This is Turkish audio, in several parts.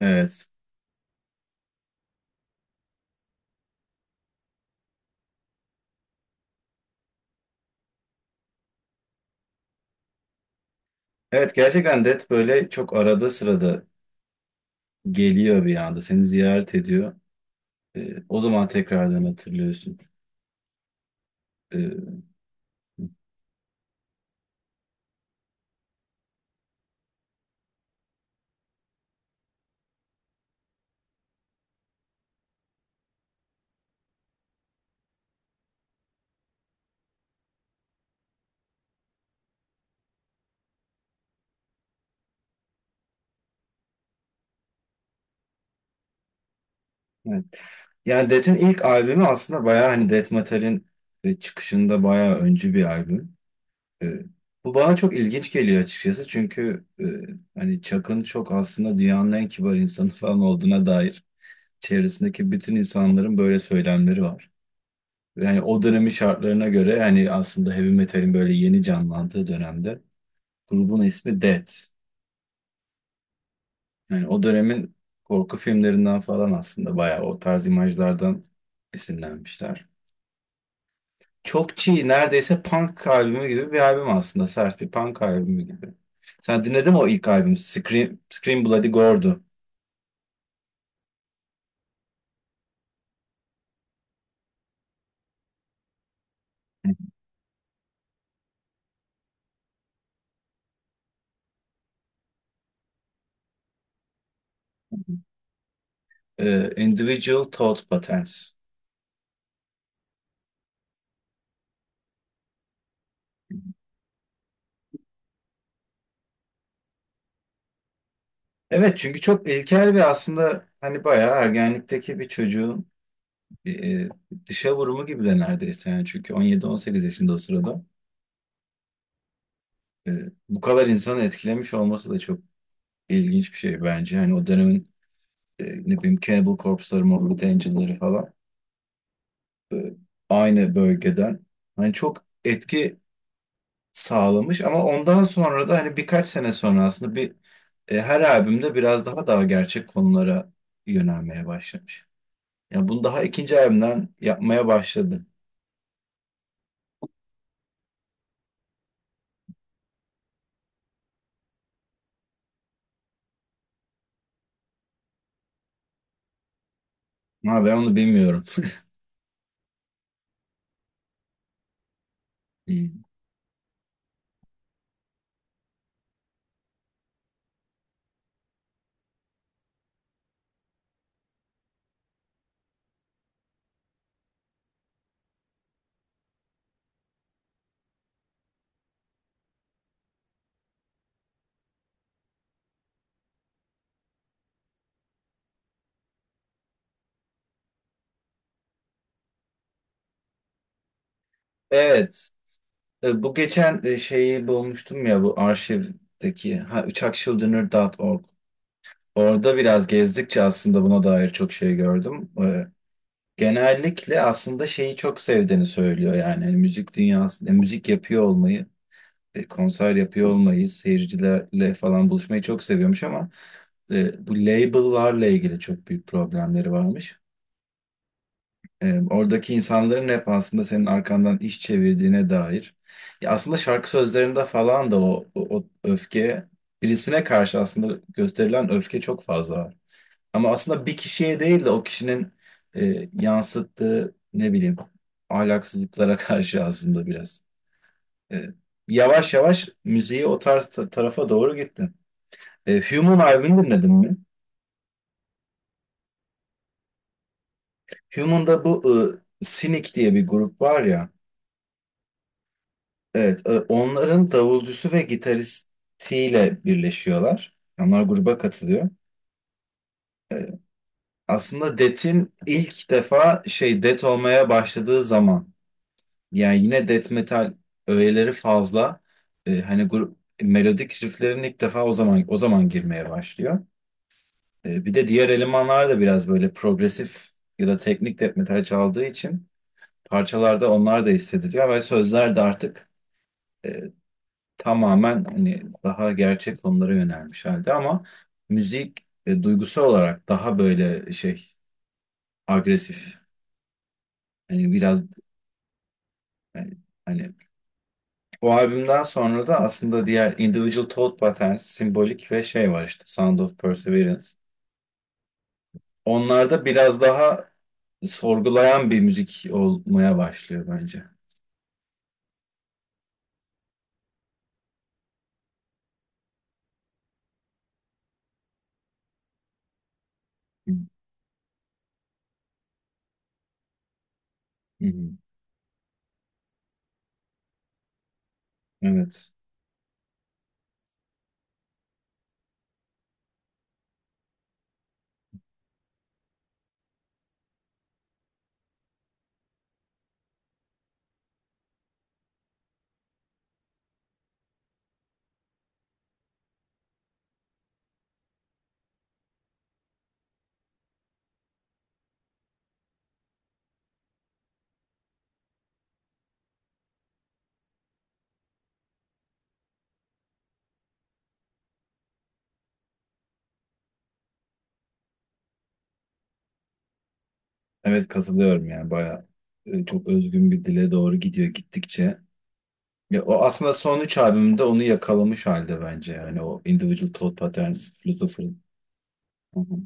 Evet. Evet, gerçekten Death böyle çok arada sırada geliyor bir anda. Seni ziyaret ediyor. O zaman tekrardan hatırlıyorsun. Ee, evet. Yani Death'in ilk albümü aslında bayağı hani Death Metal'in çıkışında bayağı öncü bir albüm. Ee, Bu bana çok ilginç geliyor açıkçası. Çünkü hani Chuck'ın çok aslında dünyanın en kibar insanı falan olduğuna dair çevresindeki bütün insanların böyle söylemleri var. Yani o dönemin şartlarına göre, yani aslında heavy metalin böyle yeni canlandığı dönemde grubun ismi Death. Yani o dönemin korku filmlerinden falan aslında bayağı o tarz imajlardan esinlenmişler. Çok çiğ, neredeyse punk albümü gibi bir albüm aslında. Sert bir punk albümü gibi. Sen dinledin mi o ilk albüm? Scream Bloody Gore'du. Individual Thought Patterns. Evet, çünkü çok ilkel ve aslında hani bayağı ergenlikteki bir çocuğun e, e, dışa vurumu gibi de neredeyse. Yani çünkü 18 yaşında o sırada e, bu kadar insanı etkilemiş olması da çok ilginç bir şey bence. Hani o dönemin ne bileyim Cannibal Corpse'ları, Morbid Angel'ları falan e, aynı bölgeden hani çok etki sağlamış, ama ondan sonra da hani birkaç sene sonra aslında her albümde biraz daha gerçek konulara yönelmeye başlamış. Yani bunu daha ikinci albümden yapmaya başladı. Ha, ben onu bilmiyorum. Hmm. Evet. Bu geçen şeyi bulmuştum ya, bu arşivdeki, ha, uçakchildren'ı.org. Orada biraz gezdikçe aslında buna dair çok şey gördüm. Genellikle aslında şeyi çok sevdiğini söylüyor, yani hani müzik dünyası, müzik yapıyor olmayı, konser yapıyor olmayı, seyircilerle falan buluşmayı çok seviyormuş, ama bu label'larla ilgili çok büyük problemleri varmış. Oradaki insanların hep aslında senin arkandan iş çevirdiğine dair. Ya aslında şarkı sözlerinde falan da o öfke, birisine karşı aslında gösterilen öfke çok fazla var. Ama aslında bir kişiye değil de o kişinin yansıttığı, ne bileyim, ahlaksızlıklara karşı aslında biraz. E, Yavaş yavaş müziği o tarz tarafa doğru gitti. Human Ivy'ni dinledin mi? Human'da bu Cynic diye bir grup var ya. Evet, onların davulcusu ve gitaristiyle birleşiyorlar. Onlar gruba katılıyor. Aslında Death'in ilk defa şey, Death olmaya başladığı zaman, yani yine Death metal öğeleri fazla. Hani grup melodik rifflerin ilk defa o zaman girmeye başlıyor. Bir de diğer elemanlar da biraz böyle progresif ya da teknik Death metal çaldığı için, parçalarda onlar da hissediliyor ve sözler de artık e, tamamen hani daha gerçek konulara yönelmiş halde, ama müzik duygusal olarak daha böyle şey, agresif. Hani biraz e, hani o albümden sonra da aslında diğer Individual Thought Patterns, simbolik ve şey var işte, Sound of Perseverance. Onlarda biraz daha sorgulayan bir müzik olmaya başlıyor bence. Hı hı. Evet. Evet, katılıyorum, yani bayağı çok özgün bir dile doğru gidiyor gittikçe. Ya, o aslında son üç albümde onu yakalamış halde bence, yani o Individual Thought Patterns, Philosophy. Hı hı.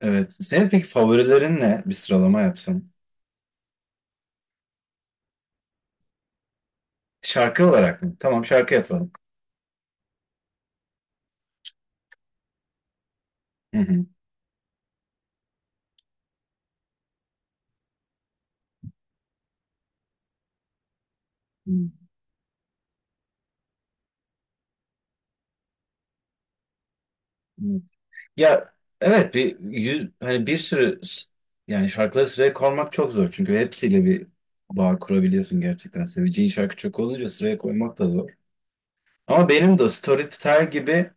Evet. Senin peki favorilerin ne? Bir sıralama yapsam. Şarkı olarak mı? Tamam, şarkı yapalım. Hı hı. Hı. Ya evet, hani yani şarkıları sıraya koymak çok zor, çünkü hepsiyle bir bağ kurabiliyorsun gerçekten. Seveceğin şarkı çok olunca sıraya koymak da zor. Ama benim de Storytel gibi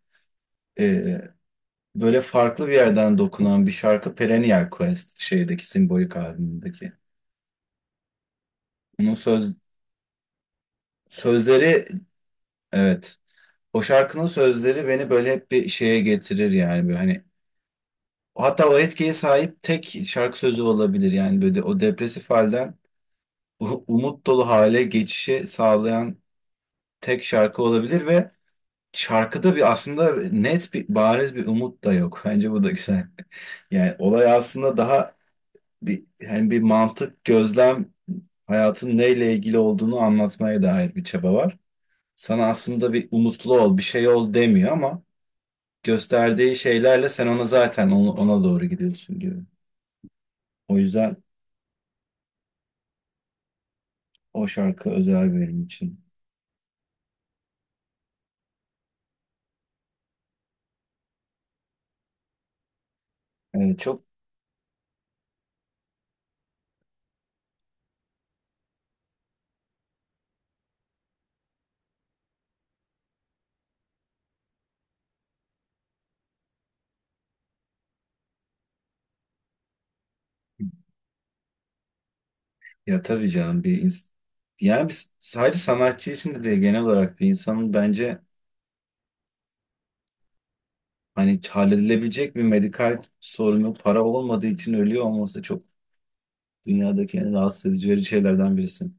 böyle farklı bir yerden dokunan bir şarkı, Perennial Quest, şeydeki Symbolic albümündeki. Onun sözleri, evet. O şarkının sözleri beni böyle hep bir şeye getirir, yani böyle hani hatta o etkiye sahip tek şarkı sözü olabilir, yani böyle o depresif halden umut dolu hale geçişi sağlayan tek şarkı olabilir, ve şarkıda bir, aslında net bir, bariz bir umut da yok. Bence bu da güzel. Yani olay aslında daha bir, hani bir mantık, gözlem, hayatın neyle ilgili olduğunu anlatmaya dair bir çaba var. Sana aslında bir umutlu ol, bir şey ol demiyor, ama gösterdiği şeylerle sen ona zaten ona doğru gidiyorsun gibi. O yüzden o şarkı özel benim için. Yani çok, ya tabii canım, yani biz sadece sanatçı için de değil, genel olarak bir insanın bence hani halledilebilecek bir medikal sorunu para olmadığı için ölüyor olması, çok dünyadaki en rahatsız edici, verici şeylerden birisi.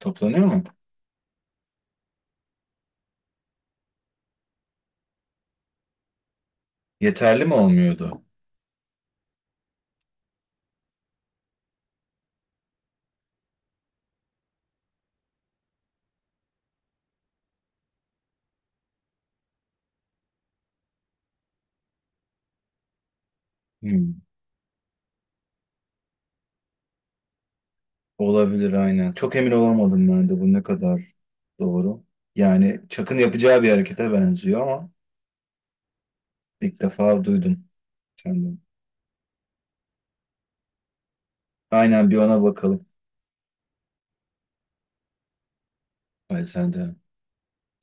Toplanıyor mu? Yeterli mi olmuyordu? Hmm. Olabilir, aynen. Çok emin olamadım ben de bu ne kadar doğru. Yani Çak'ın yapacağı bir harekete benziyor, ama ilk defa duydum senden. Aynen, bir ona bakalım. Hayır, sen de.